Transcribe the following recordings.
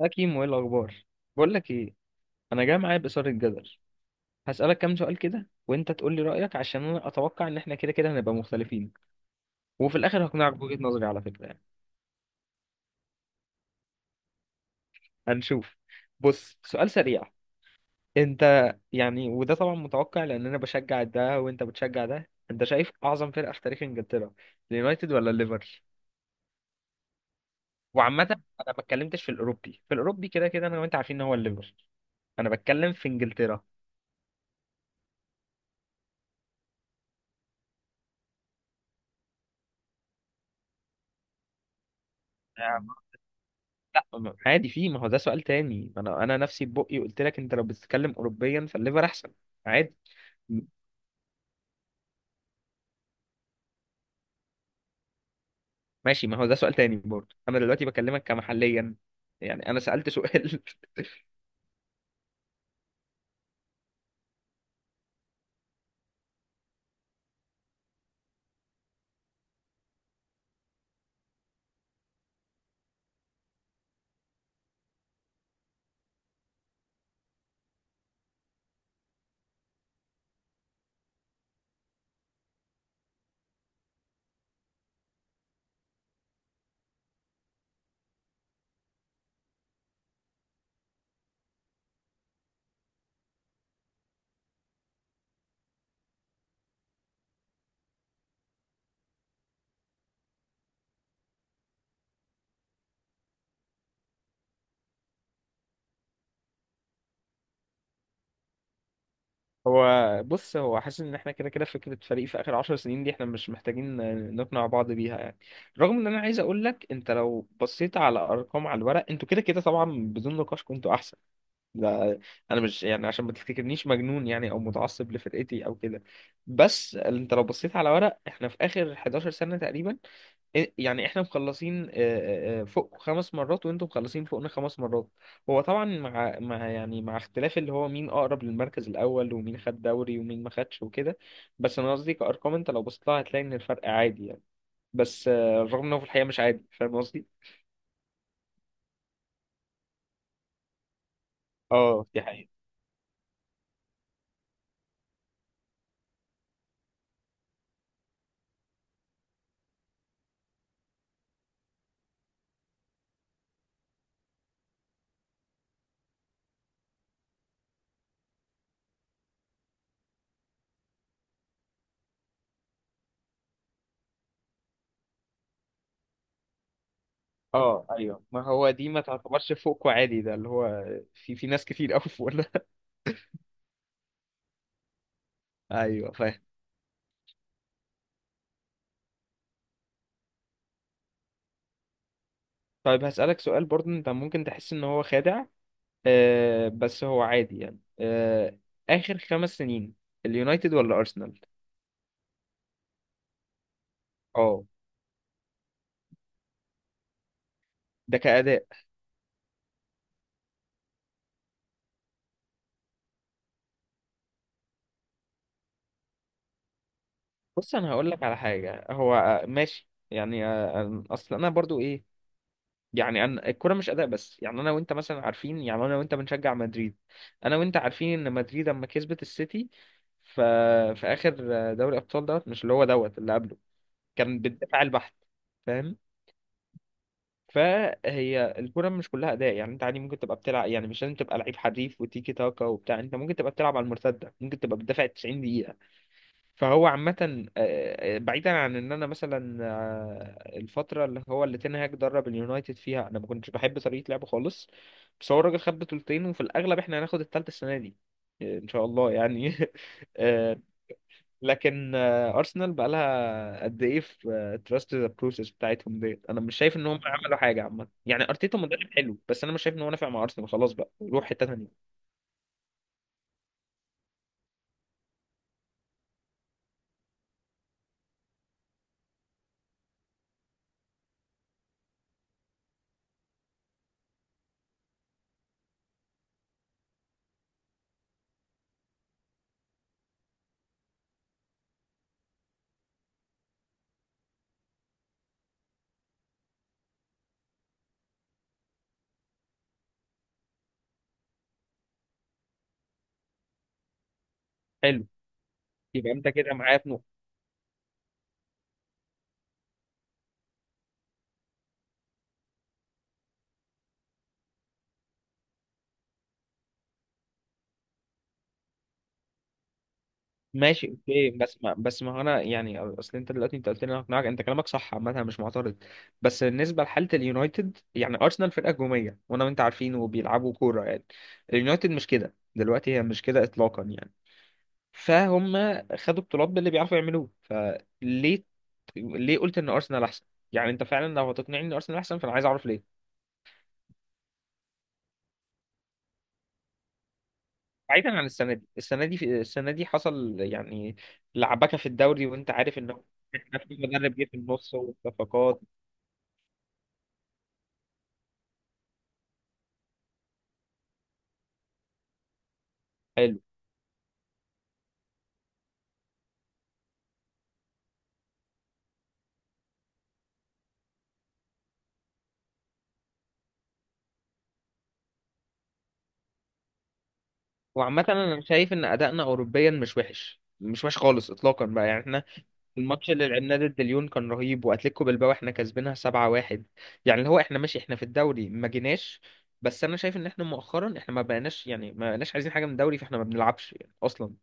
يا كيمو ايه الاخبار؟ بقول لك ايه، انا جاي معايا بإثارة الجدل. هسألك كام سؤال كده وانت تقول لي رأيك عشان انا اتوقع ان احنا كده كده هنبقى مختلفين، وفي الاخر هقنعك بوجهة نظري على فكرة يعني. هنشوف. بص سؤال سريع، انت، يعني وده طبعا متوقع لان انا بشجع ده وانت بتشجع ده، انت شايف اعظم فرقة في تاريخ انجلترا اليونايتد ولا الليفر؟ وعامة انا ما اتكلمتش في الاوروبي، في الاوروبي كده كده انا وانت عارفين ان هو الليفر، انا بتكلم في انجلترا. لا عادي، في، ما هو ده سؤال تاني. ما انا نفسي ببقي قلت لك انت لو بتتكلم اوروبيا فالليفر احسن، عادي. م- ماشي، ما هو ده سؤال تاني برضه، انا دلوقتي بكلمك كمحليا، يعني انا سألت سؤال. هو بص، هو حاسس ان احنا كده كده فكرة فريق في اخر عشر سنين دي احنا مش محتاجين نقنع بعض بيها يعني. رغم ان انا عايز اقول لك انت لو بصيت على ارقام، على الورق انتوا كده كده طبعا بدون نقاش كنتوا احسن. لا، انا مش يعني عشان ما تفتكرنيش مجنون يعني، او متعصب لفرقتي او كده. بس انت لو بصيت على ورق احنا في اخر 11 سنة تقريبا، يعني احنا مخلصين، فوق خمس مرات وانتم مخلصين فوقنا خمس مرات. هو طبعا مع يعني مع اختلاف اللي هو مين اقرب للمركز الاول ومين خد دوري ومين ما خدش وكده. بس انا قصدي كارقام، انت لو بصيت لها هتلاقي ان الفرق عادي يعني. بس رغم انه في الحقيقة مش عادي، فاهم قصدي. اه دي حقيقة. اه ايوه، ما هو دي ما تعتبرش فوق عادي، ده اللي هو في ناس كتير قوي فوق ده. ايوه فاهم. طيب هسألك سؤال برضه، انت ممكن تحس ان هو خادع، آه، بس هو عادي يعني. آه، اخر خمس سنين اليونايتد ولا ارسنال؟ اه، ده كأداء. بص انا هقول لك على حاجة، هو ماشي يعني، اصل انا برضو ايه يعني. أنا الكرة مش أداء بس، يعني أنا وأنت مثلا عارفين، يعني أنا وأنت بنشجع مدريد، أنا وأنت عارفين إن مدريد لما كسبت السيتي ف... في آخر دوري أبطال دوت، مش اللي هو دوت اللي قبله، كان بالدفاع البحت. فاهم؟ فهي الكرة مش كلها أداء، يعني أنت عادي ممكن تبقى بتلعب، يعني مش لازم تبقى لعيب حريف وتيكي تاكا وبتاع، أنت ممكن تبقى بتلعب على المرتدة، ممكن تبقى بتدافع 90 دقيقة. فهو عامة بعيدا عن ان انا مثلا الفترة اللي هو اللي تين هاج درب اليونايتد فيها انا ما كنتش بحب طريقة لعبه خالص، بس هو الراجل خد بطولتين وفي الاغلب احنا هناخد التالتة السنة دي، ان شاء الله يعني. آه، لكن ارسنال بقى لها قد ايه في تراست ذا بروسيس بتاعتهم ديت، انا مش شايف ان هم عملوا حاجة عامة يعني. ارتيتا مدرب حلو، بس انا مش شايف ان هو نافع مع ارسنال، خلاص بقى روح حتة تانية. حلو، يبقى انت كده معايا. ماشي، اوكي، بس ما هو انا يعني، اصل انت دلوقتي انت قلت لي انا هقنعك، انت كلامك صح عامه، أنا مش معترض. بس بالنسبه لحاله اليونايتد، يعني ارسنال فرقه هجوميه وانا وانت عارفين وبيلعبوا كوره يعني، اليونايتد مش كده دلوقتي، هي مش كده اطلاقا يعني. فهم، خدوا بطولات باللي بيعرفوا يعملوه فليه، ليه قلت ان ارسنال احسن؟ يعني انت فعلا لو هتقنعني ان ارسنال احسن فانا عايز اعرف ليه. بعيدا عن السنه دي، السنه دي في السنه دي حصل يعني لعبكه في الدوري وانت عارف ان هو احنا في مدرب جه في النص والصفقات، حلو. وعامة أنا شايف إن أدائنا أوروبيا مش وحش، مش وحش خالص إطلاقا بقى، يعني إحنا الماتش اللي لعبناه ضد ليون كان رهيب، وأتلتيكو بالباو إحنا كسبينها سبعة واحد، يعني اللي هو إحنا ماشي، إحنا في الدوري ما جيناش، بس أنا شايف إن إحنا مؤخرا إحنا ما بقيناش يعني ما بقيناش عايزين حاجة من الدوري، فإحنا ما بنلعبش يعني أصلا.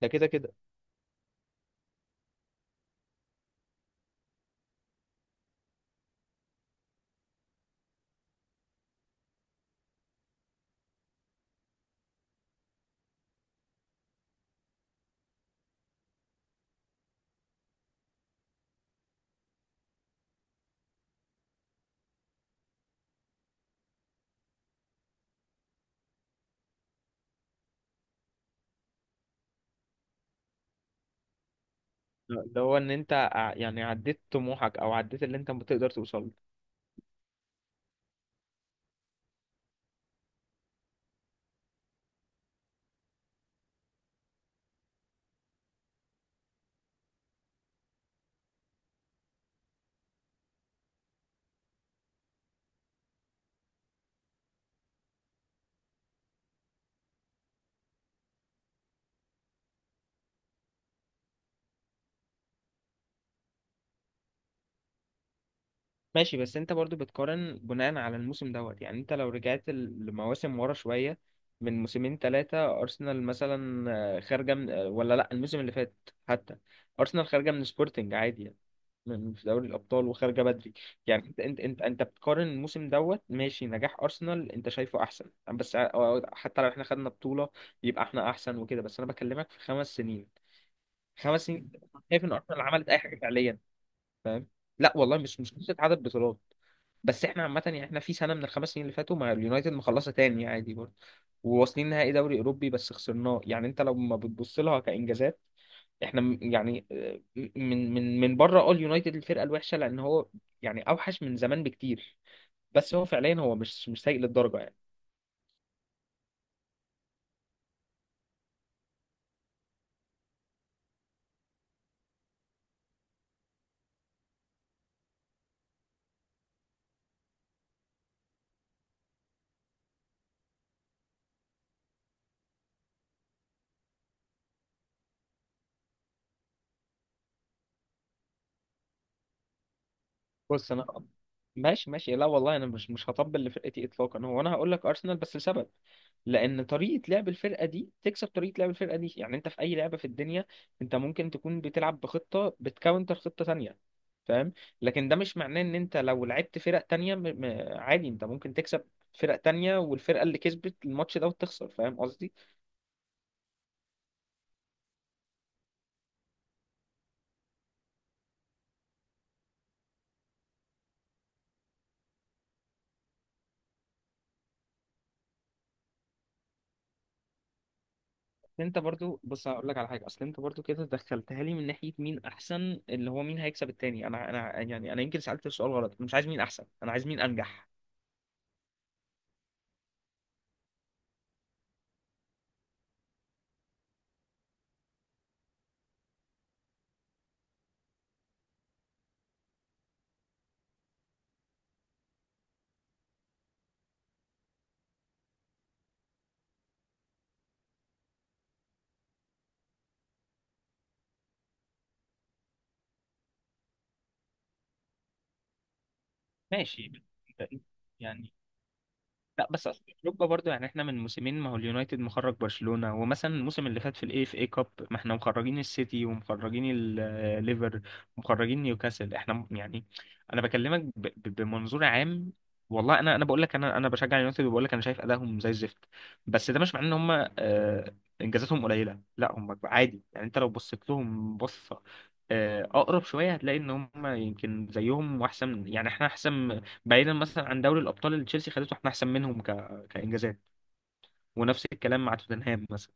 ده كده كده اللي هو إن أنت يعني عديت طموحك، أو عديت اللي أنت بتقدر توصله. ماشي، بس انت برضو بتقارن بناء على الموسم دوت، يعني انت لو رجعت لمواسم ورا شوية، من موسمين ثلاثة أرسنال مثلا خارجة من ولا لأ الموسم اللي فات حتى، أرسنال خارجة من سبورتنج عادي يعني، من في دوري الأبطال وخارجة بدري. يعني انت بتقارن الموسم دوت، ماشي نجاح أرسنال انت شايفه أحسن، بس حتى لو احنا خدنا بطولة يبقى احنا أحسن وكده، بس أنا بكلمك في خمس سنين، خمس سنين شايف إن أرسنال عملت أي حاجة فعليا؟ فاهم. لا والله، مش قصه عدد بطولات. بس احنا عامه يعني احنا في سنه من الخمس سنين اللي فاتوا مع اليونايتد مخلصه تاني عادي برضه، وواصلين نهائي دوري اوروبي بس خسرناه، يعني انت لو ما بتبص لها كانجازات احنا يعني من بره اه اليونايتد الفرقه الوحشه، لان هو يعني اوحش من زمان بكتير، بس هو فعليا هو مش سيء للدرجه يعني. بص انا ماشي، ماشي، لا والله انا مش هطبل لفرقتي اطلاقا، هو انا هقول لك ارسنال بس لسبب، لان طريقه لعب الفرقه دي تكسب طريقه لعب الفرقه دي. يعني انت في اي لعبه في الدنيا انت ممكن تكون بتلعب بخطه بتكاونتر خطه تانية، فاهم؟ لكن ده مش معناه ان انت لو لعبت فرق تانية عادي انت ممكن تكسب فرق تانية والفرقه اللي كسبت الماتش ده وتخسر، فاهم قصدي. انت برضو بص هقول لك على حاجه، اصل انت برضو كده دخلتها لي من ناحيه مين احسن، اللي هو مين هيكسب التاني. انا يعني انا يمكن سالت السؤال غلط، انا مش عايز مين احسن، انا عايز مين انجح. ماشي. انت يعني، لا بس أصل اوروبا برضو، يعني احنا من موسمين ما هو اليونايتد مخرج برشلونة، ومثلا الموسم اللي فات في الاي اف اي كاب ما احنا مخرجين السيتي ومخرجين الليفر ومخرجين نيوكاسل، احنا يعني انا بكلمك بمنظور عام. والله انا بقول لك انا بشجع اليونايتد، وبقول لك انا شايف ادائهم زي الزفت، بس ده مش معناه ان هم آه، انجازاتهم قليلة، لا هم عادي. يعني انت لو بصيت لهم بصة اقرب شوية هتلاقي ان هم يمكن زيهم واحسن، يعني احنا احسن بعيدا مثلا عن دوري الابطال اللي تشيلسي خدته، احنا احسن منهم كانجازات. ونفس الكلام مع توتنهام مثلا،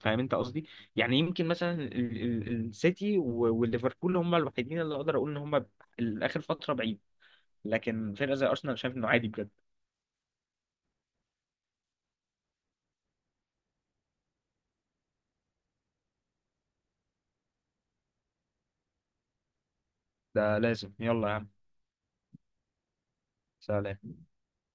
فاهم انت قصدي. يعني يمكن مثلا السيتي والليفربول هم الوحيدين اللي اقدر اقول ان هم الاخر فتره بعيد، لكن فرقه زي ارسنال شايف انه عادي بجد. ده لازم، يلا يا عم. سلام.